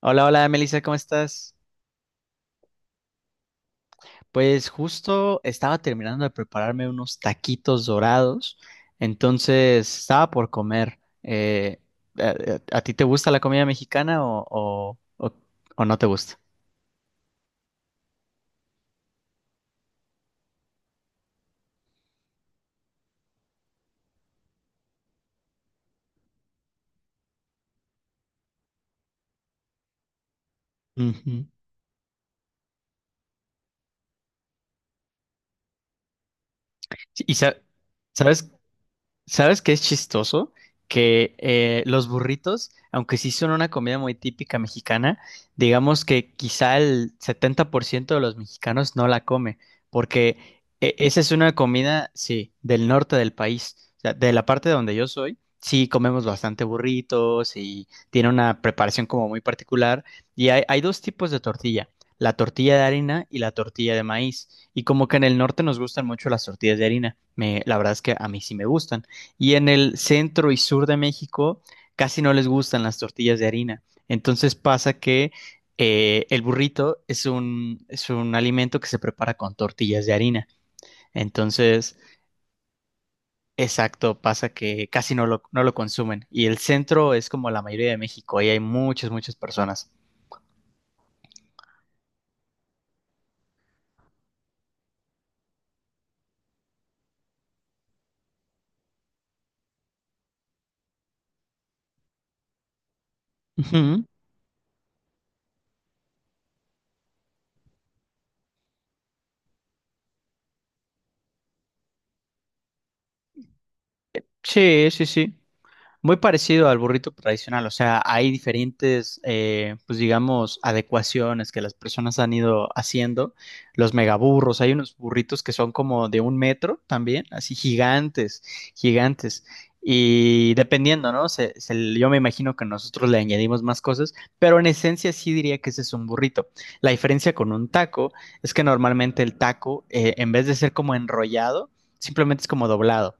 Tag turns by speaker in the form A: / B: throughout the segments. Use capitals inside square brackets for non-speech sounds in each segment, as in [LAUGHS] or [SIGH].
A: Hola, hola, Melissa, ¿cómo estás? Pues justo estaba terminando de prepararme unos taquitos dorados, entonces estaba por comer. ¿A, ¿A ti te gusta la comida mexicana o no te gusta? Ujú. Sí, sabes? ¿Sabes qué es chistoso? Que Los burritos, aunque sí son una comida muy típica mexicana, digamos que quizá el 70% de los mexicanos no la come, porque esa es una comida, sí, del norte del país, o sea, de la parte donde yo soy, sí comemos bastante burritos y tiene una preparación como muy particular, y hay dos tipos de tortilla, la tortilla de harina y la tortilla de maíz, y como que en el norte nos gustan mucho las tortillas de harina, me, la verdad es que a mí sí me gustan. Y en el centro y sur de México casi no les gustan las tortillas de harina. Entonces pasa que el burrito es un alimento que se prepara con tortillas de harina. Entonces, exacto, pasa que casi no lo, no lo consumen. Y el centro es como la mayoría de México, ahí hay muchas, muchas personas. Ujú. Sí, sí, sí. Muy parecido al burrito tradicional, o sea, hay diferentes, pues digamos, adecuaciones que las personas han ido haciendo. Los megaburros, hay unos burritos que son como de un metro también, así gigantes, gigantes. Y dependiendo, ¿no? Yo me imagino que nosotros le añadimos más cosas, pero en esencia sí diría que ese es un burrito. La diferencia con un taco es que normalmente el taco, en vez de ser como enrollado, simplemente es como doblado.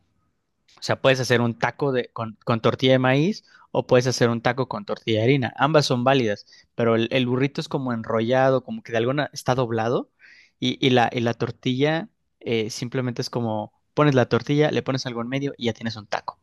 A: O sea, puedes hacer un taco de, con tortilla de maíz o puedes hacer un taco con tortilla de harina. Ambas son válidas, pero el burrito es como enrollado, como que de alguna está doblado y, y la tortilla simplemente es como pones la tortilla, le pones algo en medio y ya tienes un taco.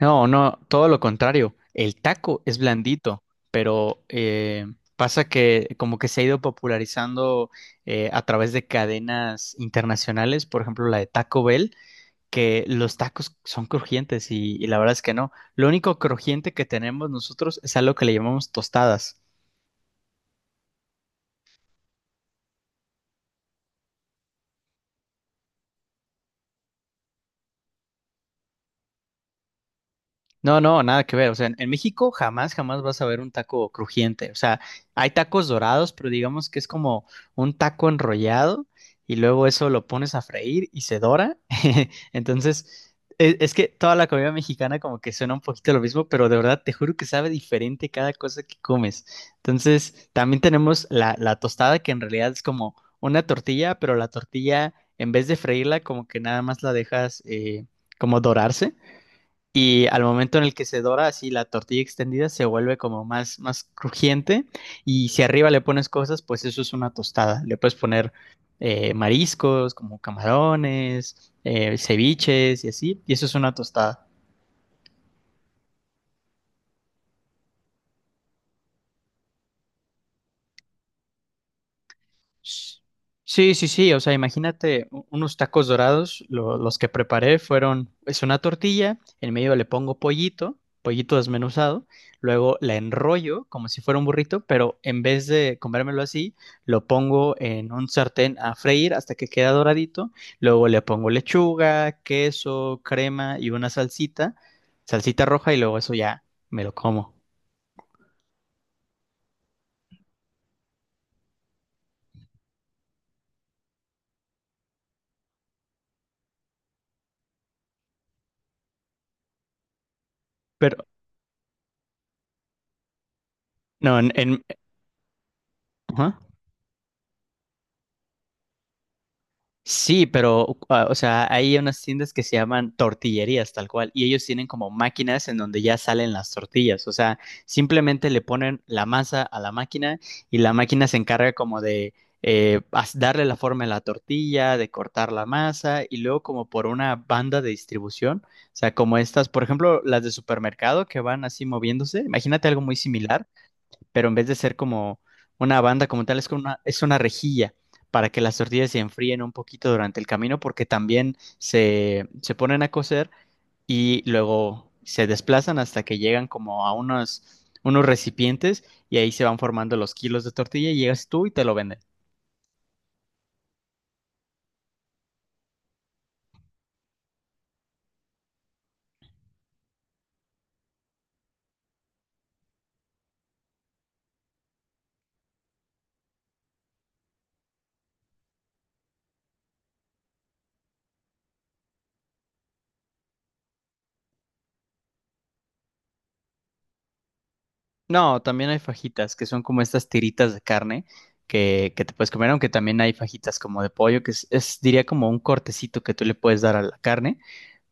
A: No, no, todo lo contrario. El taco es blandito, pero pasa que como que se ha ido popularizando a través de cadenas internacionales, por ejemplo la de Taco Bell que los tacos son crujientes y la verdad es que no. Lo único crujiente que tenemos nosotros es algo que le llamamos tostadas. No, no, nada que ver. O sea, en México jamás, jamás vas a ver un taco crujiente. O sea, hay tacos dorados, pero digamos que es como un taco enrollado y luego eso lo pones a freír y se dora. [LAUGHS] Entonces, que toda la comida mexicana como que suena un poquito lo mismo, pero de verdad te juro que sabe diferente cada cosa que comes. Entonces, también tenemos la tostada que en realidad es como una tortilla, pero la tortilla en vez de freírla como que nada más la dejas como dorarse. Y al momento en el que se dora así la tortilla extendida se vuelve como más, más crujiente y si arriba le pones cosas, pues eso es una tostada. Le puedes poner mariscos como camarones, ceviches y así, y eso es una tostada. Sí, sí, sí, o sea, unos tacos dorados, los que preparé fueron, es una tortilla, en medio le pongo pollito, pollito desmenuzado, luego la enrollo como si fuera un burrito, pero en vez de comérmelo así, lo pongo en un sartén a freír hasta que queda doradito, luego le pongo lechuga, queso, crema y una salsita, salsita roja y luego eso ya me lo como. Pero, no, en, ajá. Sí, pero, o sea, hay unas tiendas que se llaman tortillerías tal cual, y ellos tienen como máquinas en donde ya salen las tortillas, o sea, simplemente le ponen la masa a la máquina y la máquina se encarga como de darle la forma a la tortilla, de cortar la masa y luego como por una banda de distribución, o sea, como estas, por ejemplo, las de supermercado que van así moviéndose, imagínate algo muy similar pero en vez de ser como una banda como tal, es una rejilla para que las tortillas se enfríen un poquito durante el camino, porque también se ponen a cocer y luego se desplazan hasta que llegan como a unos recipientes y ahí se van formando los kilos de tortilla y llegas tú y te lo venden. No, también hay fajitas, que son como estas tiritas de carne que te puedes comer, aunque también hay fajitas como de pollo, es, diría como un cortecito que tú le puedes dar a la carne.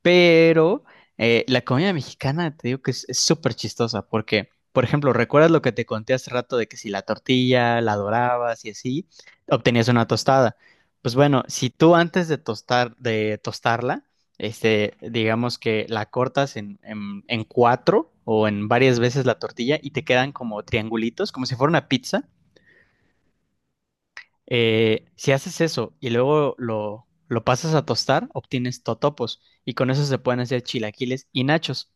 A: Pero la comida mexicana, te digo que es súper chistosa, porque, por ejemplo, ¿recuerdas lo que te conté hace rato de que si la tortilla la dorabas y así, obtenías una tostada? Pues bueno, si tú antes de tostar, de tostarla, este, digamos que la cortas en cuatro o en varias veces la tortilla y te quedan como triangulitos, como si fuera una pizza. Si haces eso y luego lo pasas a tostar, obtienes totopos y con eso se pueden hacer chilaquiles y nachos.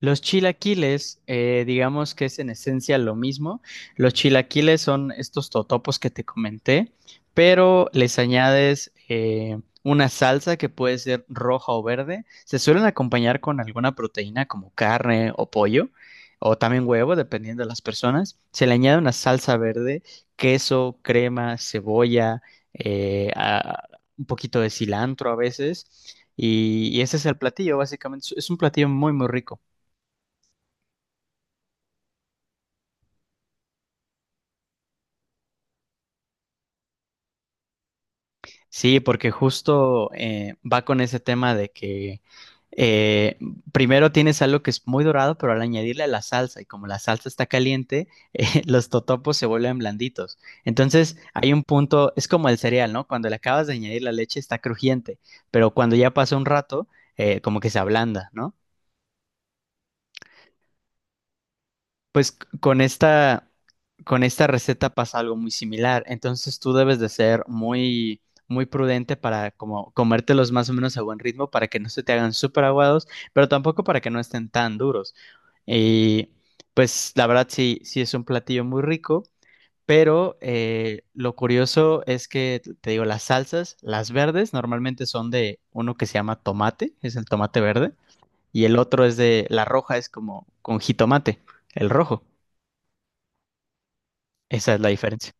A: Los chilaquiles, digamos que es en esencia lo mismo. Los chilaquiles son estos totopos que te comenté, pero les añades una salsa que puede ser roja o verde. Se suelen acompañar con alguna proteína como carne o pollo, o también huevo, dependiendo de las personas. Se le añade una salsa verde, queso, crema, cebolla, eh, a- un poquito de cilantro a veces. Y ese es el platillo, básicamente. Es un platillo muy, muy rico. Sí, porque justo va con ese tema de que eh, primero tienes algo que es muy dorado, pero al añadirle la salsa, y como la salsa está caliente, [LAUGHS] los totopos se vuelven blanditos. Entonces hay un punto, es como el cereal, ¿no? Cuando le acabas de añadir la leche está crujiente, pero cuando ya pasa un rato, como que se ablanda, ¿no? Pues c- con esta, con esta receta pasa algo muy similar. Entonces tú debes de ser muy, muy prudente para como comértelos más o menos a buen ritmo para que no se te hagan súper aguados, pero tampoco para que no estén tan duros. Y pues la verdad sí, sí es un platillo muy rico, pero lo curioso es que, te digo, las salsas, las verdes, normalmente son de uno que se llama tomate, es el tomate verde, y el otro es de, la roja es como con jitomate, el rojo. Esa es la diferencia.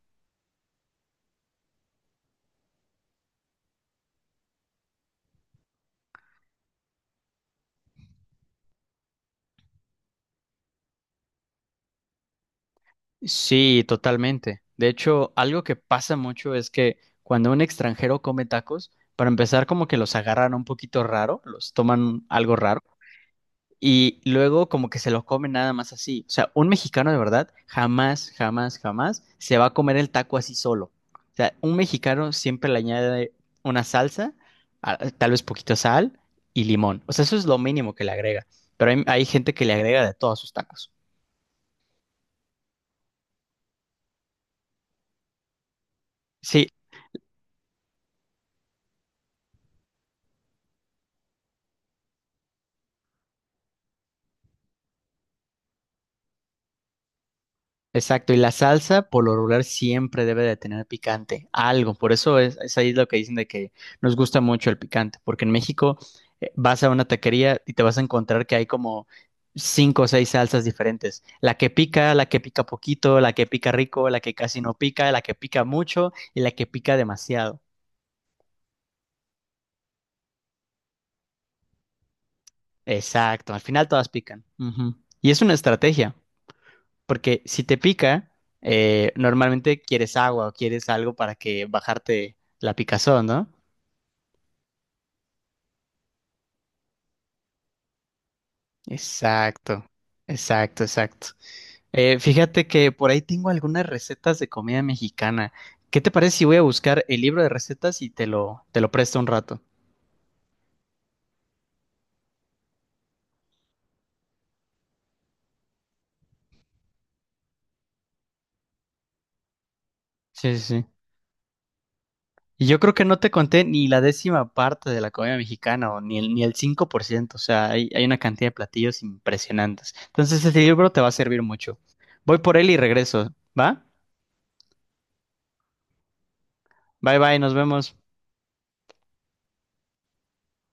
A: Sí, totalmente. De hecho, algo que pasa mucho es que cuando un extranjero come tacos, para empezar como que los agarran un poquito raro, los toman algo raro y luego como que se los comen nada más así. O sea, un mexicano de verdad jamás, jamás, jamás se va a comer el taco así solo. O sea, un mexicano siempre le añade una salsa, tal vez poquito sal y limón. O sea, eso es lo mínimo que le agrega. Pero hay gente que le agrega de todos sus tacos. Sí, exacto, y la salsa por lo regular siempre debe de tener picante, algo, por eso es ahí lo que dicen de que nos gusta mucho el picante, porque en México vas a una taquería y te vas a encontrar que hay como cinco o seis salsas diferentes, la que pica poquito, la que pica rico, la que casi no pica, la que pica mucho y la que pica demasiado. Exacto, al final todas pican. Ujú. Y es una estrategia. Porque si te pica, normalmente quieres agua o quieres algo para que bajarte la picazón, ¿no? Exacto, exacto, exacto. Fíjate que por ahí tengo algunas recetas de comida mexicana. ¿Qué te parece si voy a buscar el libro de recetas y te lo presto un rato? Sí, sí, sí. Y yo creo que no te conté ni la décima parte de la comida mexicana o ni el 5%. O sea, hay una cantidad de platillos impresionantes. Entonces, este libro te va a servir mucho. Voy por él y regreso, ¿va? Bye bye, nos vemos.